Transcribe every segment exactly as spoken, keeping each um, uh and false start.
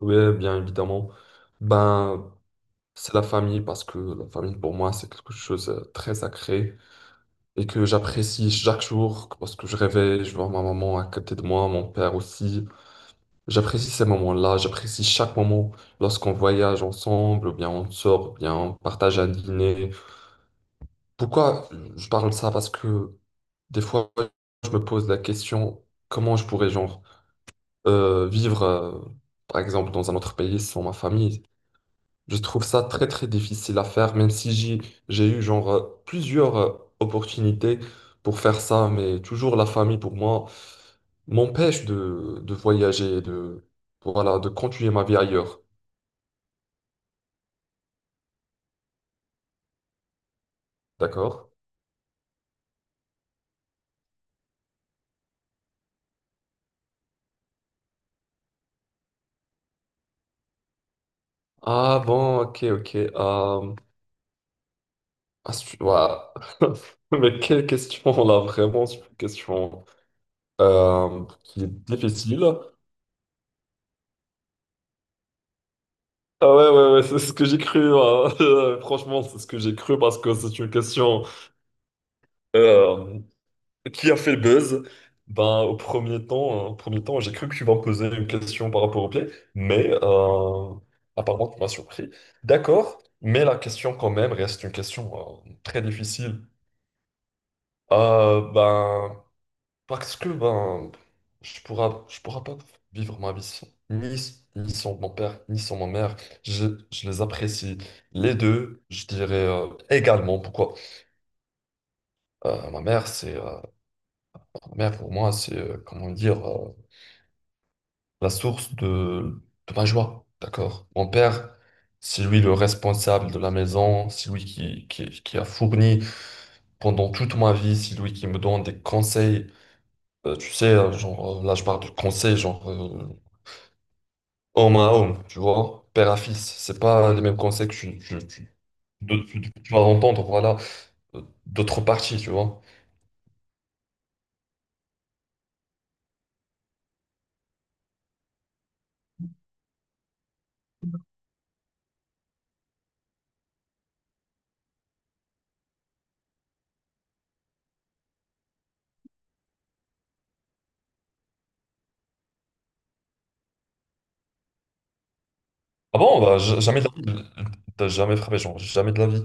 Oui, bien évidemment. Ben, c'est la famille parce que la famille pour moi c'est quelque chose de très sacré et que j'apprécie chaque jour parce que je réveille, je vois ma maman à côté de moi, mon père aussi. J'apprécie ces moments-là, j'apprécie chaque moment lorsqu'on voyage ensemble, ou bien on sort, ou bien on partage un dîner. Pourquoi je parle de ça? Parce que des fois je me pose la question comment je pourrais genre euh, vivre euh, par exemple dans un autre pays sans ma famille. Je trouve ça très très difficile à faire, même si j'ai j'ai eu genre euh, plusieurs euh, opportunités pour faire ça, mais toujours la famille pour moi m'empêche de, de voyager, de voilà, de continuer ma vie ailleurs. D'accord? Ah bon, ok, ok. euh, ah, su- ouah. Mais quelle question là, vraiment, c'est une question euh, qui est difficile. Ah ouais, ouais, ouais, c'est ce que j'ai cru, hein. Franchement, c'est ce que j'ai cru parce que c'est une question. euh, Qui a fait le buzz? Ben, au premier temps, euh, premier temps, j'ai cru que tu vas me poser une question par rapport au play, mais euh, apparemment, tu m'as surpris. D'accord, mais la question quand même reste une question euh, très difficile. Euh, ben, Parce que ben, je pourra, je pourra pas vivre ma vie sans, ni, ni sans mon père, ni sans ma mère. Je, je les apprécie les deux, je dirais euh, également. Pourquoi? Euh, ma mère, c'est euh, Ma mère pour moi, c'est euh, comment dire. Euh, la source de, de ma joie, d'accord? Mon père, c'est lui le responsable de la maison, c'est lui qui, qui, qui a fourni pendant toute ma vie, c'est lui qui me donne des conseils. Euh, tu sais, euh, genre, euh, là, je parle de conseils, genre, euh, homme à homme, tu vois, père à fils. C'est pas les mêmes conseils que tu, tu, tu- de- tu- tu vas entendre, voilà, euh, d'autres parties, tu vois. Ah bon, bah, j- jamais de la vie, euh, t'as jamais frappé, genre, jamais de la vie.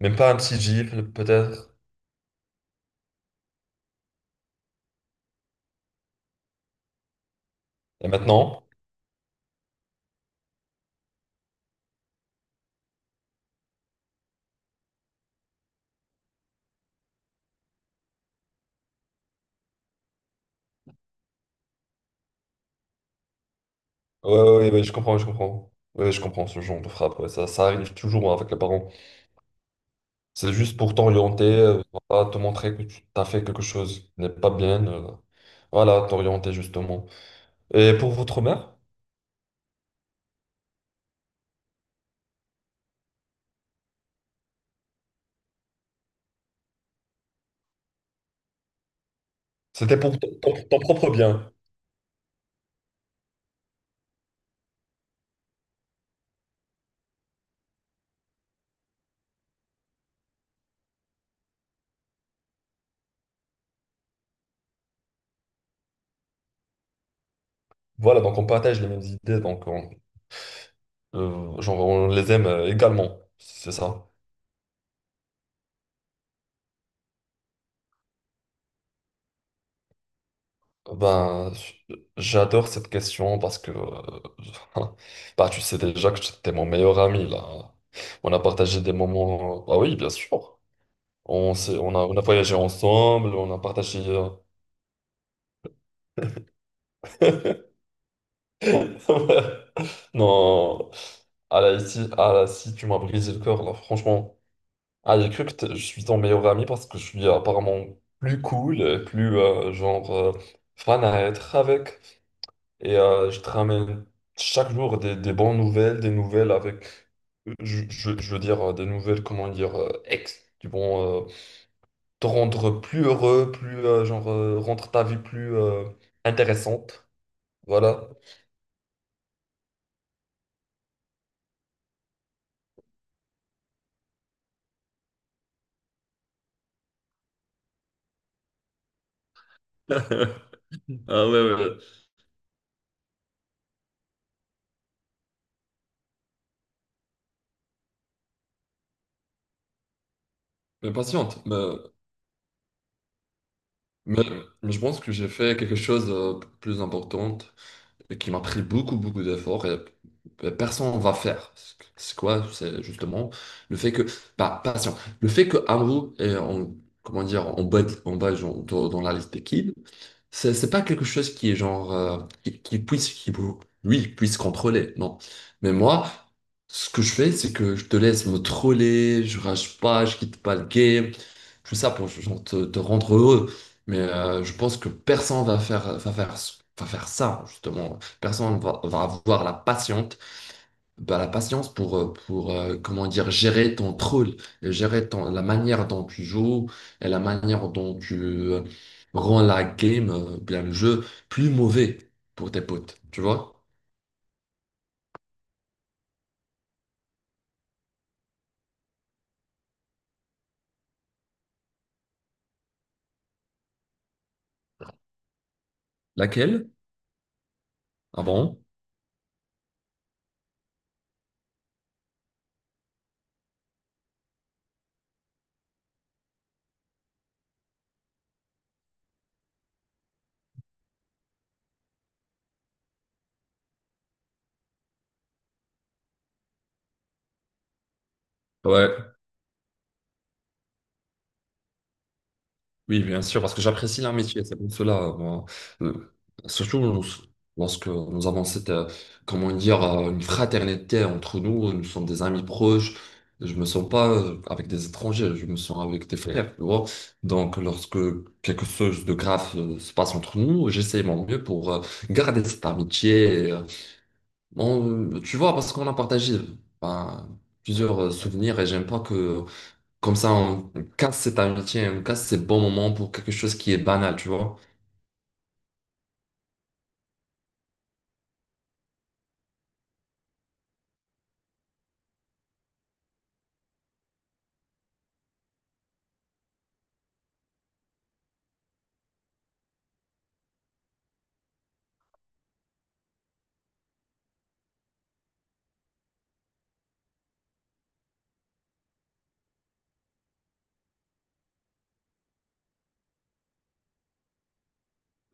Même pas un petit gifle, peut-être. Et maintenant? Ouais, ouais, ouais, ouais, je comprends, je comprends. Ouais, je comprends ce genre de frappe. Ouais, ça, ça arrive toujours hein, avec les parents. C'est juste pour t'orienter, euh, voilà, te montrer que tu as fait quelque chose qui n'est pas bien. Euh, voilà, t'orienter justement. Et pour votre mère, c'était pour ton, ton- ton propre bien. Voilà, donc on partage les mêmes idées, donc on, euh, genre on les aime euh, également. C'est ça. Ben, j'adore cette question parce que euh, bah, tu sais déjà que t'es mon meilleur ami là. On a partagé des moments. Ah oui, bien sûr. On s'est- on a, on a voyagé ensemble, on a partagé. euh, Non, ah là, ici, ah là, si tu m'as brisé le cœur là, franchement. Ah, j'ai cru que t'es- je suis ton meilleur ami parce que je suis apparemment plus cool, et plus euh, genre euh, fan à être avec. Et euh, je te ramène chaque jour des, des bonnes nouvelles, des nouvelles avec, je, je- je veux dire, euh, des nouvelles, comment dire, euh, ex, qui vont euh, te rendre plus heureux, plus, euh, genre, euh, rendre ta vie plus euh, intéressante. Voilà. Euh, Mais patiente, mais, mais, mais je pense que j'ai fait quelque chose de plus important, et qui m'a pris beaucoup, beaucoup d'efforts et pe- personne ne va faire. C'est c'est quoi? C'est justement le fait que, bah, patient, le fait que Amrou est en, comment dire, en bas, en bas genre, dans, dans la liste des kids, c'est c'est pas quelque chose qui est genre euh, qui, qui puisse qui vous- lui puisse contrôler, non. Mais moi, ce que je fais, c'est que je te laisse me troller, je rage pas, je quitte pas le game, tout ça pour genre, te, te rendre heureux. Mais euh, je pense que personne va faire va faire va faire ça justement. Personne va, va avoir la patience bah, la patience pour, euh, pour euh, comment dire, gérer ton troll, gérer ton, la manière dont tu joues et la manière dont tu euh, rends la game, euh, bien le jeu, plus mauvais pour tes potes, tu vois? Laquelle? Ah bon? Ouais. Oui, bien sûr, parce que j'apprécie leur métier, c'est pour cela. Euh, moi. Euh, Surtout nous- lorsque nous avons cette, euh, comment dire, euh, une fraternité entre nous, nous sommes des amis proches. Je me sens pas euh, avec des étrangers, je me sens avec des frères, tu vois. Donc, lorsque quelque chose de grave euh, se passe entre nous, j'essaie mon mieux pour euh, garder cette amitié, et, euh, on- tu vois, parce qu'on a partagé ben, plusieurs euh, souvenirs et j'aime pas que comme ça, on casse cet amitié, on casse ces bons moments pour quelque chose qui est banal, tu vois.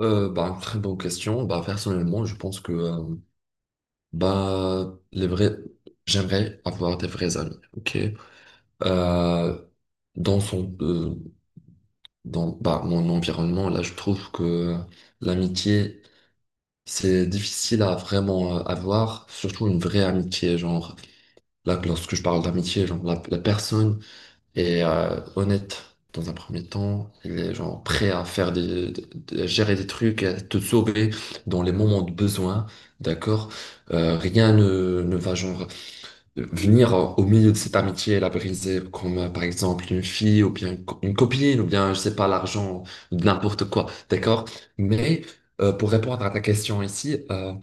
Euh, bah, très bonne question. Bah, personnellement, je pense que euh, bah, les vrais... j'aimerais avoir des vrais amis. Ok. Euh, dans son, euh, Dans bah, mon environnement, là, je trouve que l'amitié, c'est difficile à vraiment euh, avoir, surtout une vraie amitié. Genre, là, lorsque je parle d'amitié, genre, la la personne et euh, honnête dans un premier temps. Il est genre prêt à faire des, des- des- à gérer des trucs, à te sauver dans les moments de besoin, d'accord? Euh, rien ne, ne va genre venir au milieu de cette amitié et la briser, comme euh, par exemple une fille ou bien une co- une copine ou bien je sais pas l'argent, n'importe quoi, d'accord? Mais euh, pour répondre à ta question ici, euh,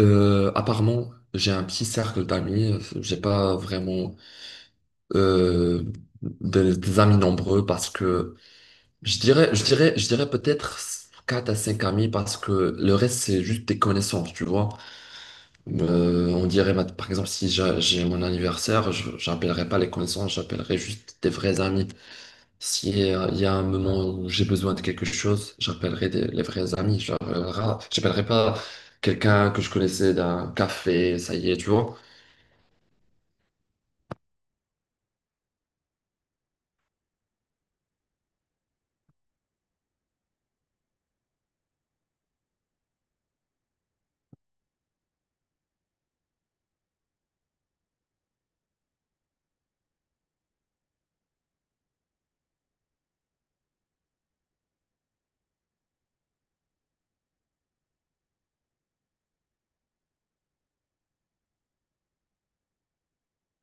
euh, apparemment, j'ai un petit cercle d'amis, euh, j'ai pas vraiment euh, des, des amis nombreux parce que je dirais, je dirais, je dirais peut-être quatre à cinq amis parce que le reste, c'est juste des connaissances, tu vois. Euh, on dirait, ma- par exemple, si j'a- j'ai mon anniversaire, je j'appellerai pas les connaissances, j'appellerai juste des vrais amis. Si y il y a un moment où j'ai besoin de quelque chose, j'appellerai des- les vrais amis. J'appellerai j'appellerai pas quelqu'un que je connaissais d'un café, ça y est, tu vois.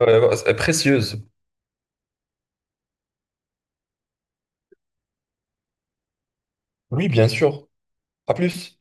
Ouais, ouais, c'est précieuse. Oui, bien sûr. À plus.